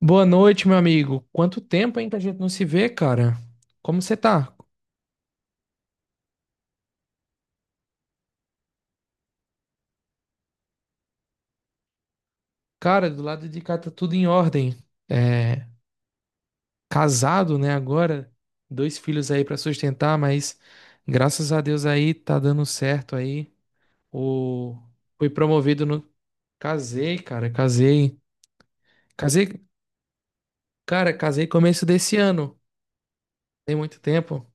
Boa noite, meu amigo. Quanto tempo, hein, que a gente não se vê, cara? Como você tá? Cara, do lado de cá tá tudo em ordem. É, casado, né, agora, dois filhos aí pra sustentar, mas graças a Deus aí tá dando certo aí. O fui promovido no Casei, cara, casei. Casei, cara, casei começo desse ano. Tem muito tempo.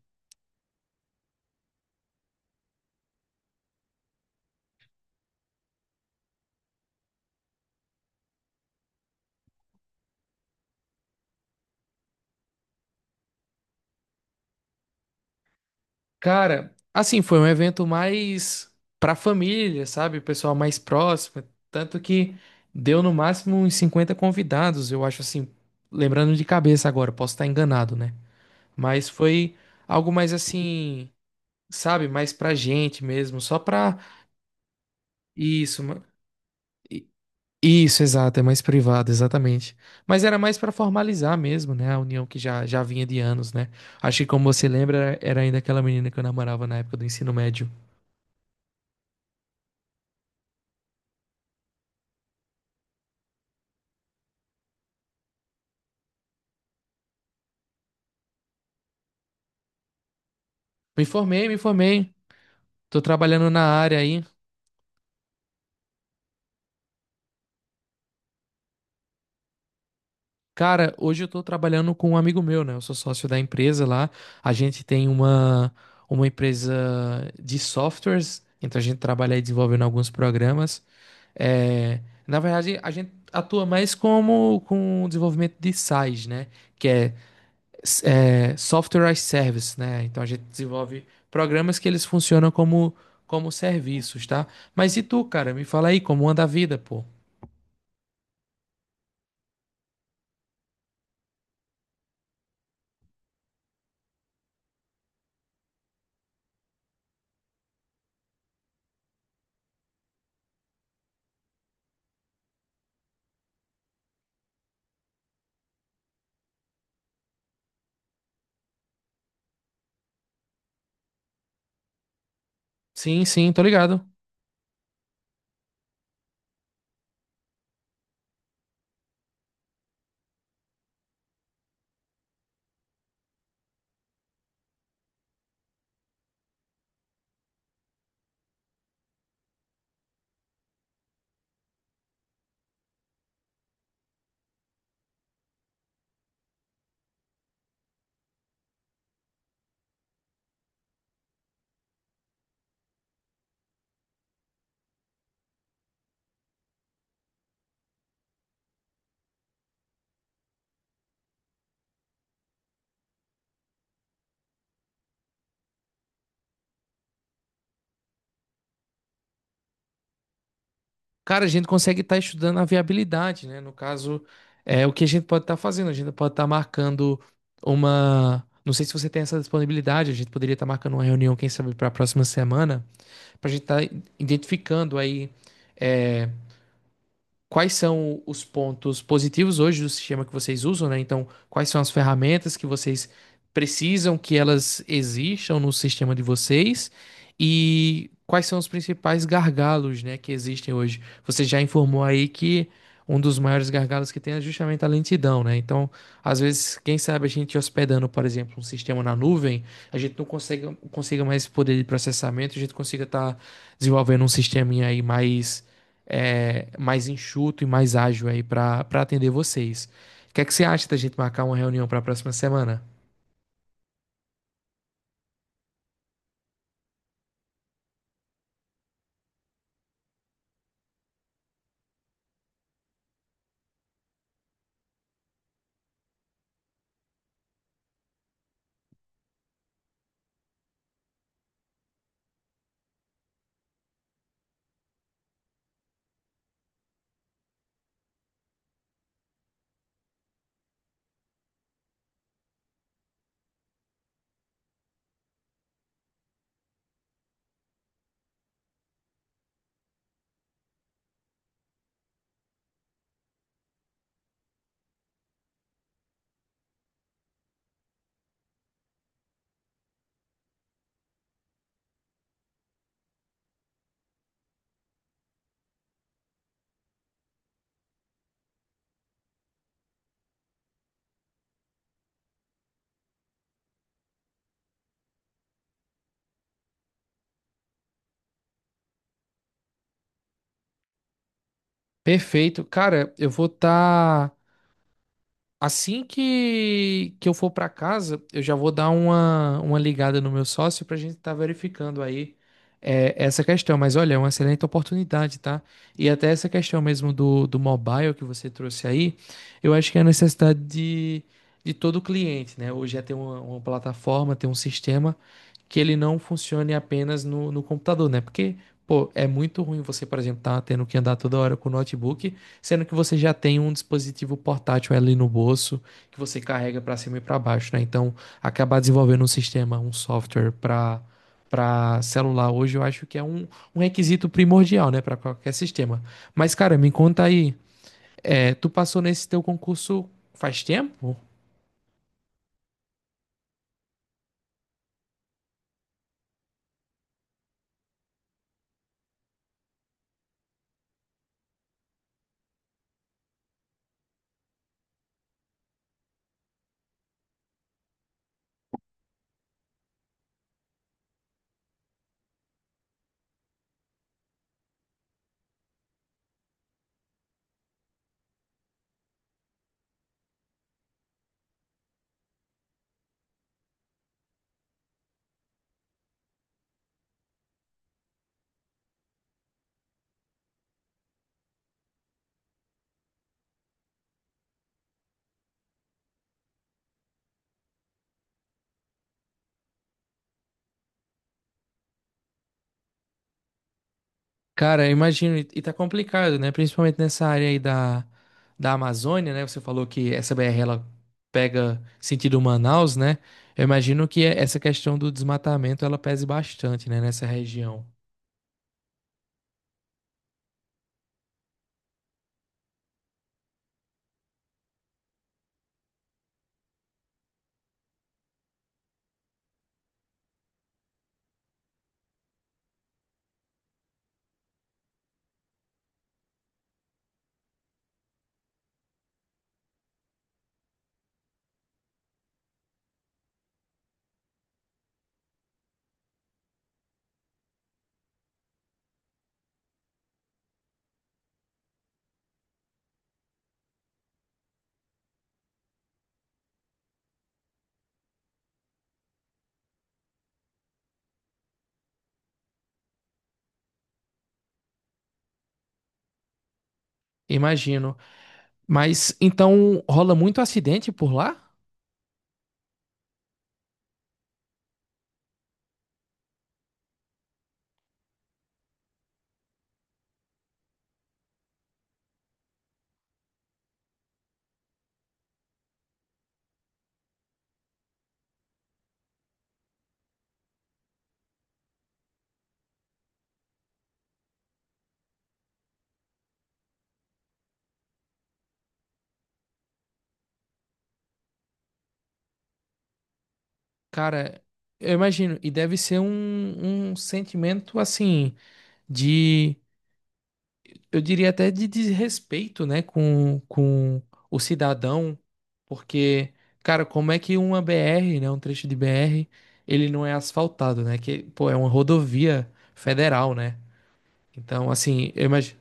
Cara, assim, foi um evento mais pra família, sabe? O pessoal mais próximo. Tanto que deu no máximo uns 50 convidados, eu acho assim. Lembrando de cabeça agora, posso estar enganado, né? Mas foi algo mais assim, sabe? Mais pra gente mesmo, só pra. Isso, i- isso, exato, é mais privado, exatamente. Mas era mais pra formalizar mesmo, né? A união que já vinha de anos, né? Acho que, como você lembra, era ainda aquela menina que eu namorava na época do ensino médio. Me formei, me formei. Tô trabalhando na área aí. Cara, hoje eu tô trabalhando com um amigo meu, né? Eu sou sócio da empresa lá. A gente tem uma empresa de softwares, então a gente trabalha aí desenvolvendo alguns programas. É, na verdade, a gente atua mais como com o desenvolvimento de SaaS, né? Que é, é Software as Service, né? Então a gente desenvolve programas que eles funcionam como serviços, tá? Mas e tu, cara? Me fala aí, como anda a vida, pô? Sim, sim, tô ligado. Cara, a gente consegue estar estudando a viabilidade, né? No caso, é o que a gente pode estar fazendo. A gente pode estar marcando uma. Não sei se você tem essa disponibilidade, a gente poderia estar marcando uma reunião, quem sabe, para a próxima semana, para a gente estar identificando aí é, quais são os pontos positivos hoje do sistema que vocês usam, né? Então, quais são as ferramentas que vocês precisam que elas existam no sistema de vocês e quais são os principais gargalos, né, que existem hoje. Você já informou aí que um dos maiores gargalos que tem é justamente a lentidão, né? Então, às vezes, quem sabe a gente hospedando, por exemplo, um sistema na nuvem, a gente não consegue, consiga mais poder de processamento, a gente consiga estar desenvolvendo um sistema aí mais mais enxuto e mais ágil aí para atender vocês. O que é que você acha da gente marcar uma reunião para a próxima semana? Perfeito. Cara, eu vou estar Tá... assim que eu for para casa, eu já vou dar uma ligada no meu sócio para a gente estar verificando aí essa questão. Mas olha, é uma excelente oportunidade, tá? E até essa questão mesmo do mobile que você trouxe aí, eu acho que é a necessidade de todo cliente, né? Hoje já tem uma plataforma, tem um sistema que ele não funcione apenas no computador, né? Porque, pô, é muito ruim você, por exemplo, estar tendo que andar toda hora com o notebook sendo que você já tem um dispositivo portátil ali no bolso que você carrega para cima e para baixo, né? Então, acabar desenvolvendo um sistema, um software para celular hoje, eu acho que é um requisito primordial, né, para qualquer sistema. Mas, cara, me conta aí, tu passou nesse teu concurso faz tempo? Cara, eu imagino, e tá complicado, né? Principalmente nessa área aí da Amazônia, né? Você falou que essa BR ela pega sentido Manaus, né? Eu imagino que essa questão do desmatamento ela pese bastante, né? Nessa região. Imagino. Mas então rola muito acidente por lá? Cara, eu imagino, e deve ser um sentimento assim de, eu diria até de desrespeito, né, com o cidadão, porque, cara, como é que uma BR, né, um trecho de BR, ele não é asfaltado, né, que, pô, é uma rodovia federal, né, então, assim, eu imagino,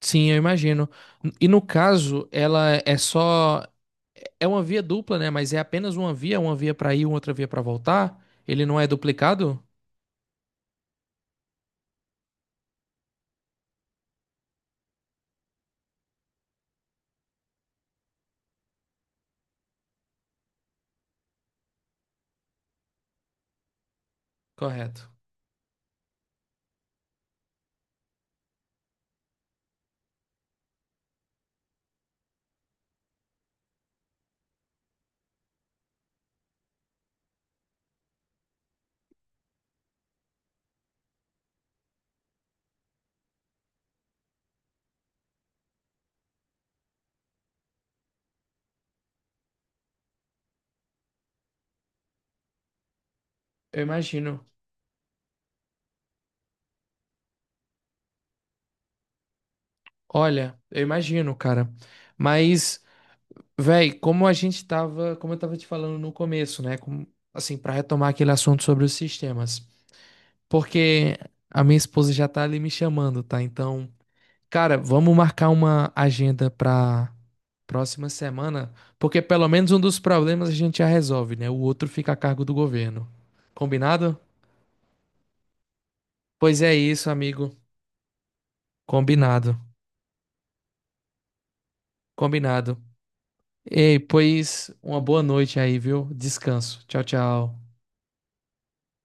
sim, eu imagino, e no caso, ela é só, é uma via dupla, né, mas é apenas uma via para ir, outra via para voltar, ele não é duplicado? Correto. Eu imagino. Olha, eu imagino, cara. Mas, véi, como a gente tava, como eu tava te falando no começo, né? Como, assim, pra retomar aquele assunto sobre os sistemas. Porque a minha esposa já tá ali me chamando, tá? Então, cara, vamos marcar uma agenda pra próxima semana, porque pelo menos um dos problemas a gente já resolve, né? O outro fica a cargo do governo. Combinado? Pois é isso, amigo. Combinado. Combinado. Ei, pois uma boa noite aí, viu? Descanso. Tchau, tchau.